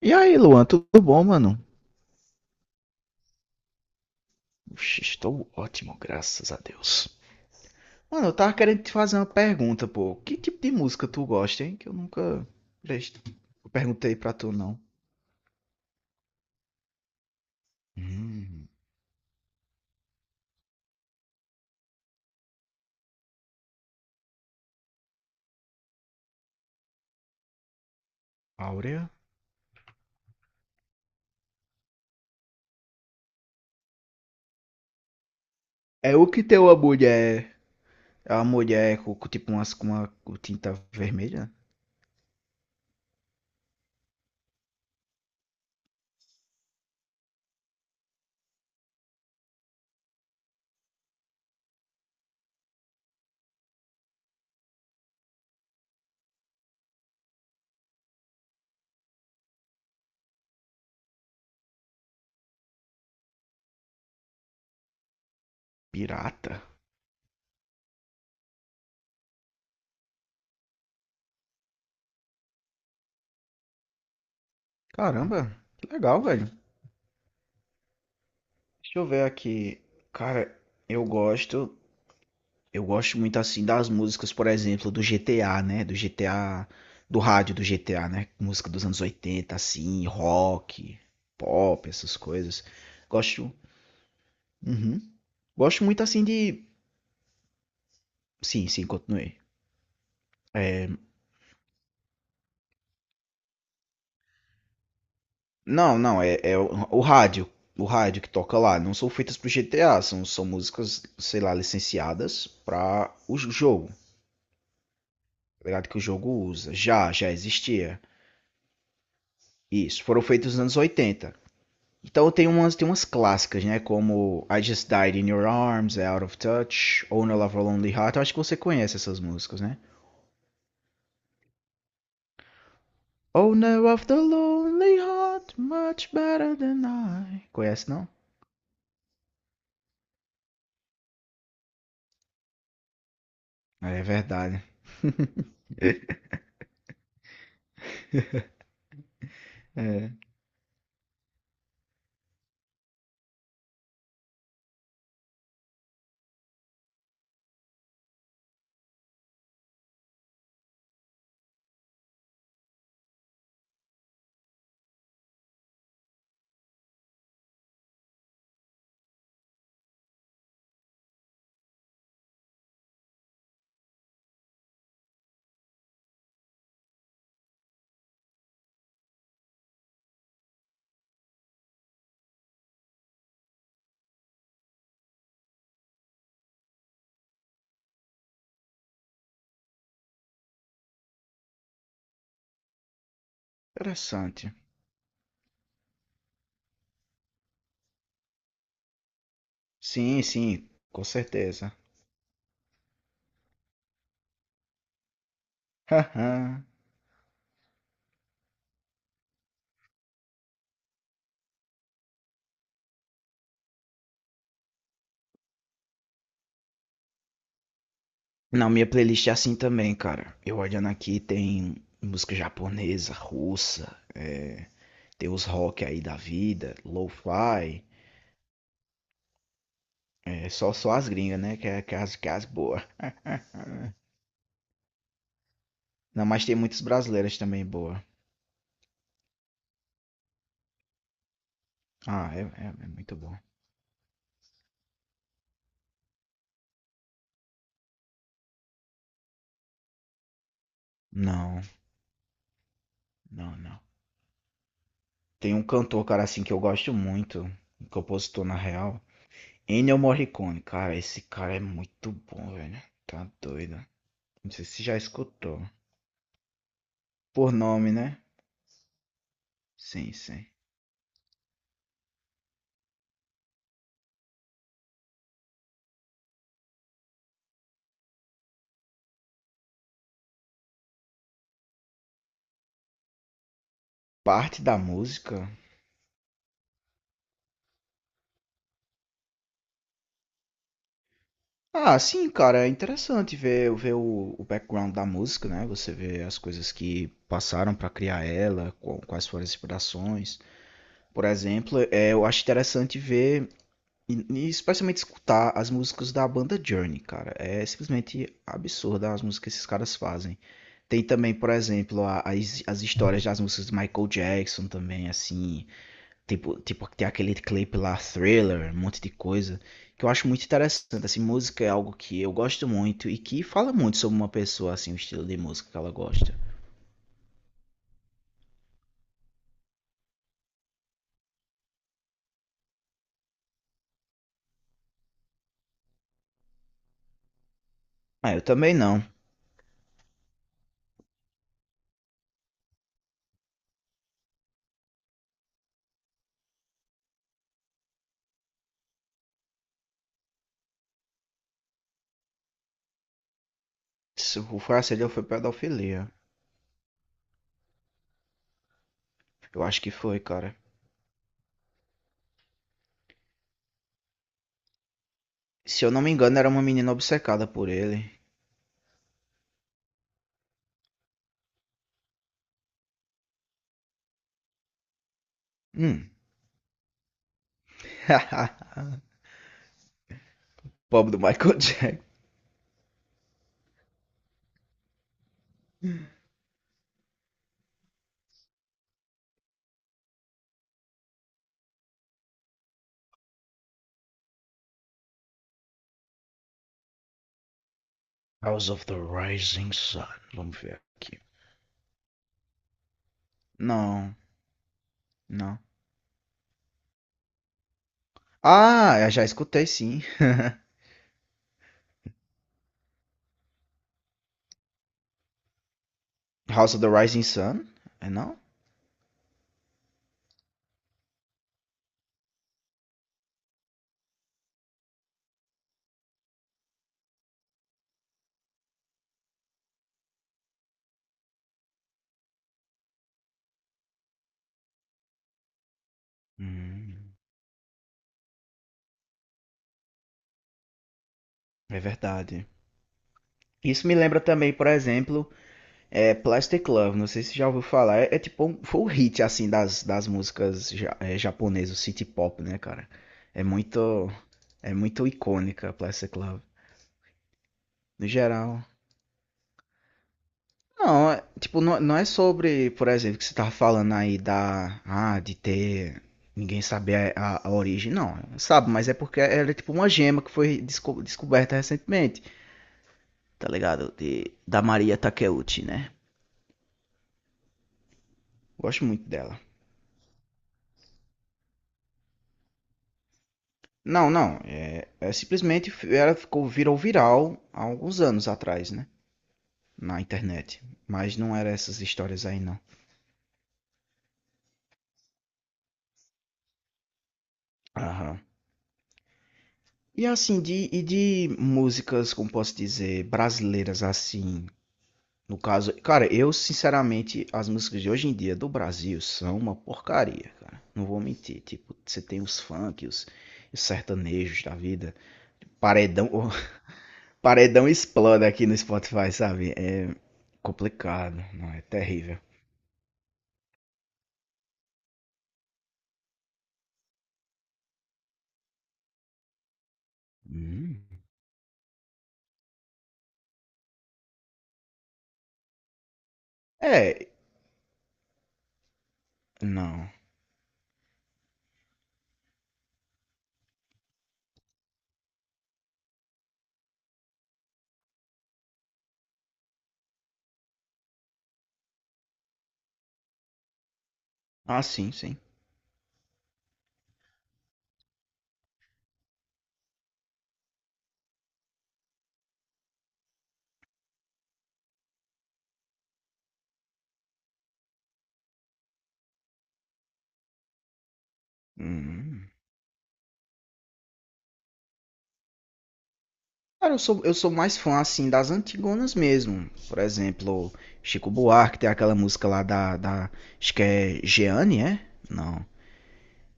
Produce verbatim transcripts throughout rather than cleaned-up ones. E aí, Luan, tudo bom, mano? Oxe, estou ótimo, graças a Deus. Mano, eu tava querendo te fazer uma pergunta, pô. Que tipo de música tu gosta, hein? Que eu nunca pres- perguntei pra tu, não. Hum, Áurea? É o que tem uma mulher. É uma mulher com, com tipo umas com uma com tinta vermelha? Pirata? Caramba, que legal, velho. Deixa eu ver aqui. Cara, eu gosto Eu gosto muito assim das músicas, por exemplo, do G T A, né? Do G T A, do rádio do G T A, né? Música dos anos oitenta, assim, rock, pop, essas coisas. Gosto. Uhum. Gosto muito assim de. Sim, sim, continuei. Não, não, é, é o, o rádio. O rádio que toca lá. Não são feitas pro G T A, são, são músicas, sei lá, licenciadas para o jogo. Tá ligado que o jogo usa. Já, já existia. Isso, foram feitos nos anos oitenta. Então tem umas, tem umas clássicas, né? Como I Just Died in Your Arms, É Out of Touch, Oh No Love of a Lonely Heart. Eu acho que você conhece essas músicas, né? Oh No of the Lonely Heart, much better than I. Conhece não? Ah, é verdade. É. Interessante. Sim, sim, com certeza. Não, minha playlist é assim também, cara. Eu olhando aqui tem música japonesa, russa, é, tem os rock aí da vida, lo-fi. É, só, só as gringas, né? Que é, que é as, que é as boas. Não, mas tem muitas brasileiras também boa. Ah, é, é, é muito bom. Não, não, não. Tem um cantor, cara, assim, que eu gosto muito. Um compositor, na real. Ennio Morricone. Cara, esse cara é muito bom, velho. Tá doido. Não sei se já escutou. Por nome, né? Sim, sim. Parte da música. Ah, sim, cara, é interessante ver, ver o, o background da música, né? Você vê as coisas que passaram para criar ela, qual- quais foram as inspirações. Por exemplo, é, eu acho interessante ver e, e especialmente escutar as músicas da banda Journey, cara. É simplesmente absurda as músicas que esses caras fazem. Tem também, por exemplo, a- as, as histórias das músicas de Michael Jackson também, assim. Tipo, tipo, tem aquele clipe lá, Thriller, um monte de coisa, que eu acho muito interessante. Assim, música é algo que eu gosto muito e que fala muito sobre uma pessoa, assim, o estilo de música que ela gosta. Ah, eu também não. Se o Farcelho foi pedofilia. Eu acho que foi, cara. Se eu não me engano, era uma menina obcecada por ele. Hum. Pobre do Michael Jackson. House of the Rising Sun. Vamos ver aqui. Não, não. Ah, eu já escutei, sim. House of the Rising Sun? É não? Hum, É verdade. Isso me lembra também, por exemplo, é, Plastic Love. Não sei se já ouviu falar. É, é tipo, um- foi o hit assim das, das músicas ja, é, japonesas, o city pop, né, cara? É muito, é muito icônica Plastic Love. No geral. Não, é, tipo, não, não é sobre, por exemplo, que você tava falando aí da, ah, de ter ninguém saber a, a origem. Não, sabe? Mas é porque ela é tipo uma gema que foi desco- descoberta recentemente. Tá ligado? De, da Maria Takeuchi, né? Gosto muito dela. Não, não. É, é simplesmente ela ficou virou viral há alguns anos atrás, né? Na internet. Mas não era essas histórias aí, não. Aham. E assim, de, e de músicas, como posso dizer, brasileiras assim. No caso, cara, eu sinceramente, as músicas de hoje em dia do Brasil são uma porcaria, cara. Não vou mentir. Tipo, você tem os funk, os, os sertanejos da vida, paredão, Paredão explode aqui no Spotify, sabe? É complicado, não, é terrível. Hum. É, não. Ah, sim, sim. Hum. Cara, eu sou, eu sou mais fã, assim, das antigonas mesmo. Por exemplo, Chico Buarque tem aquela música lá da, da acho que é Jeane, é? Não.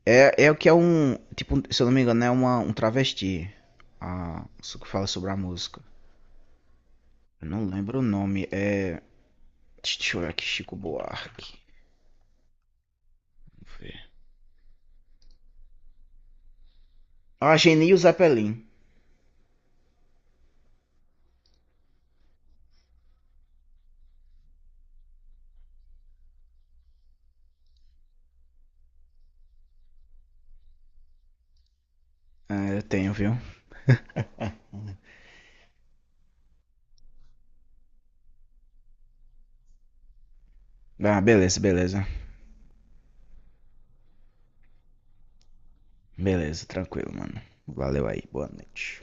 É, é o que é um, tipo, se eu não me engano, é uma, um travesti. Ah, isso que fala sobre a música. Eu não lembro o nome, é... Deixa eu ver aqui, Chico Buarque. Vamos ver. Ageni e o Zeppelin. Ah, eu tenho, viu? Ah, beleza, beleza. Beleza, tranquilo, mano. Valeu aí, boa noite.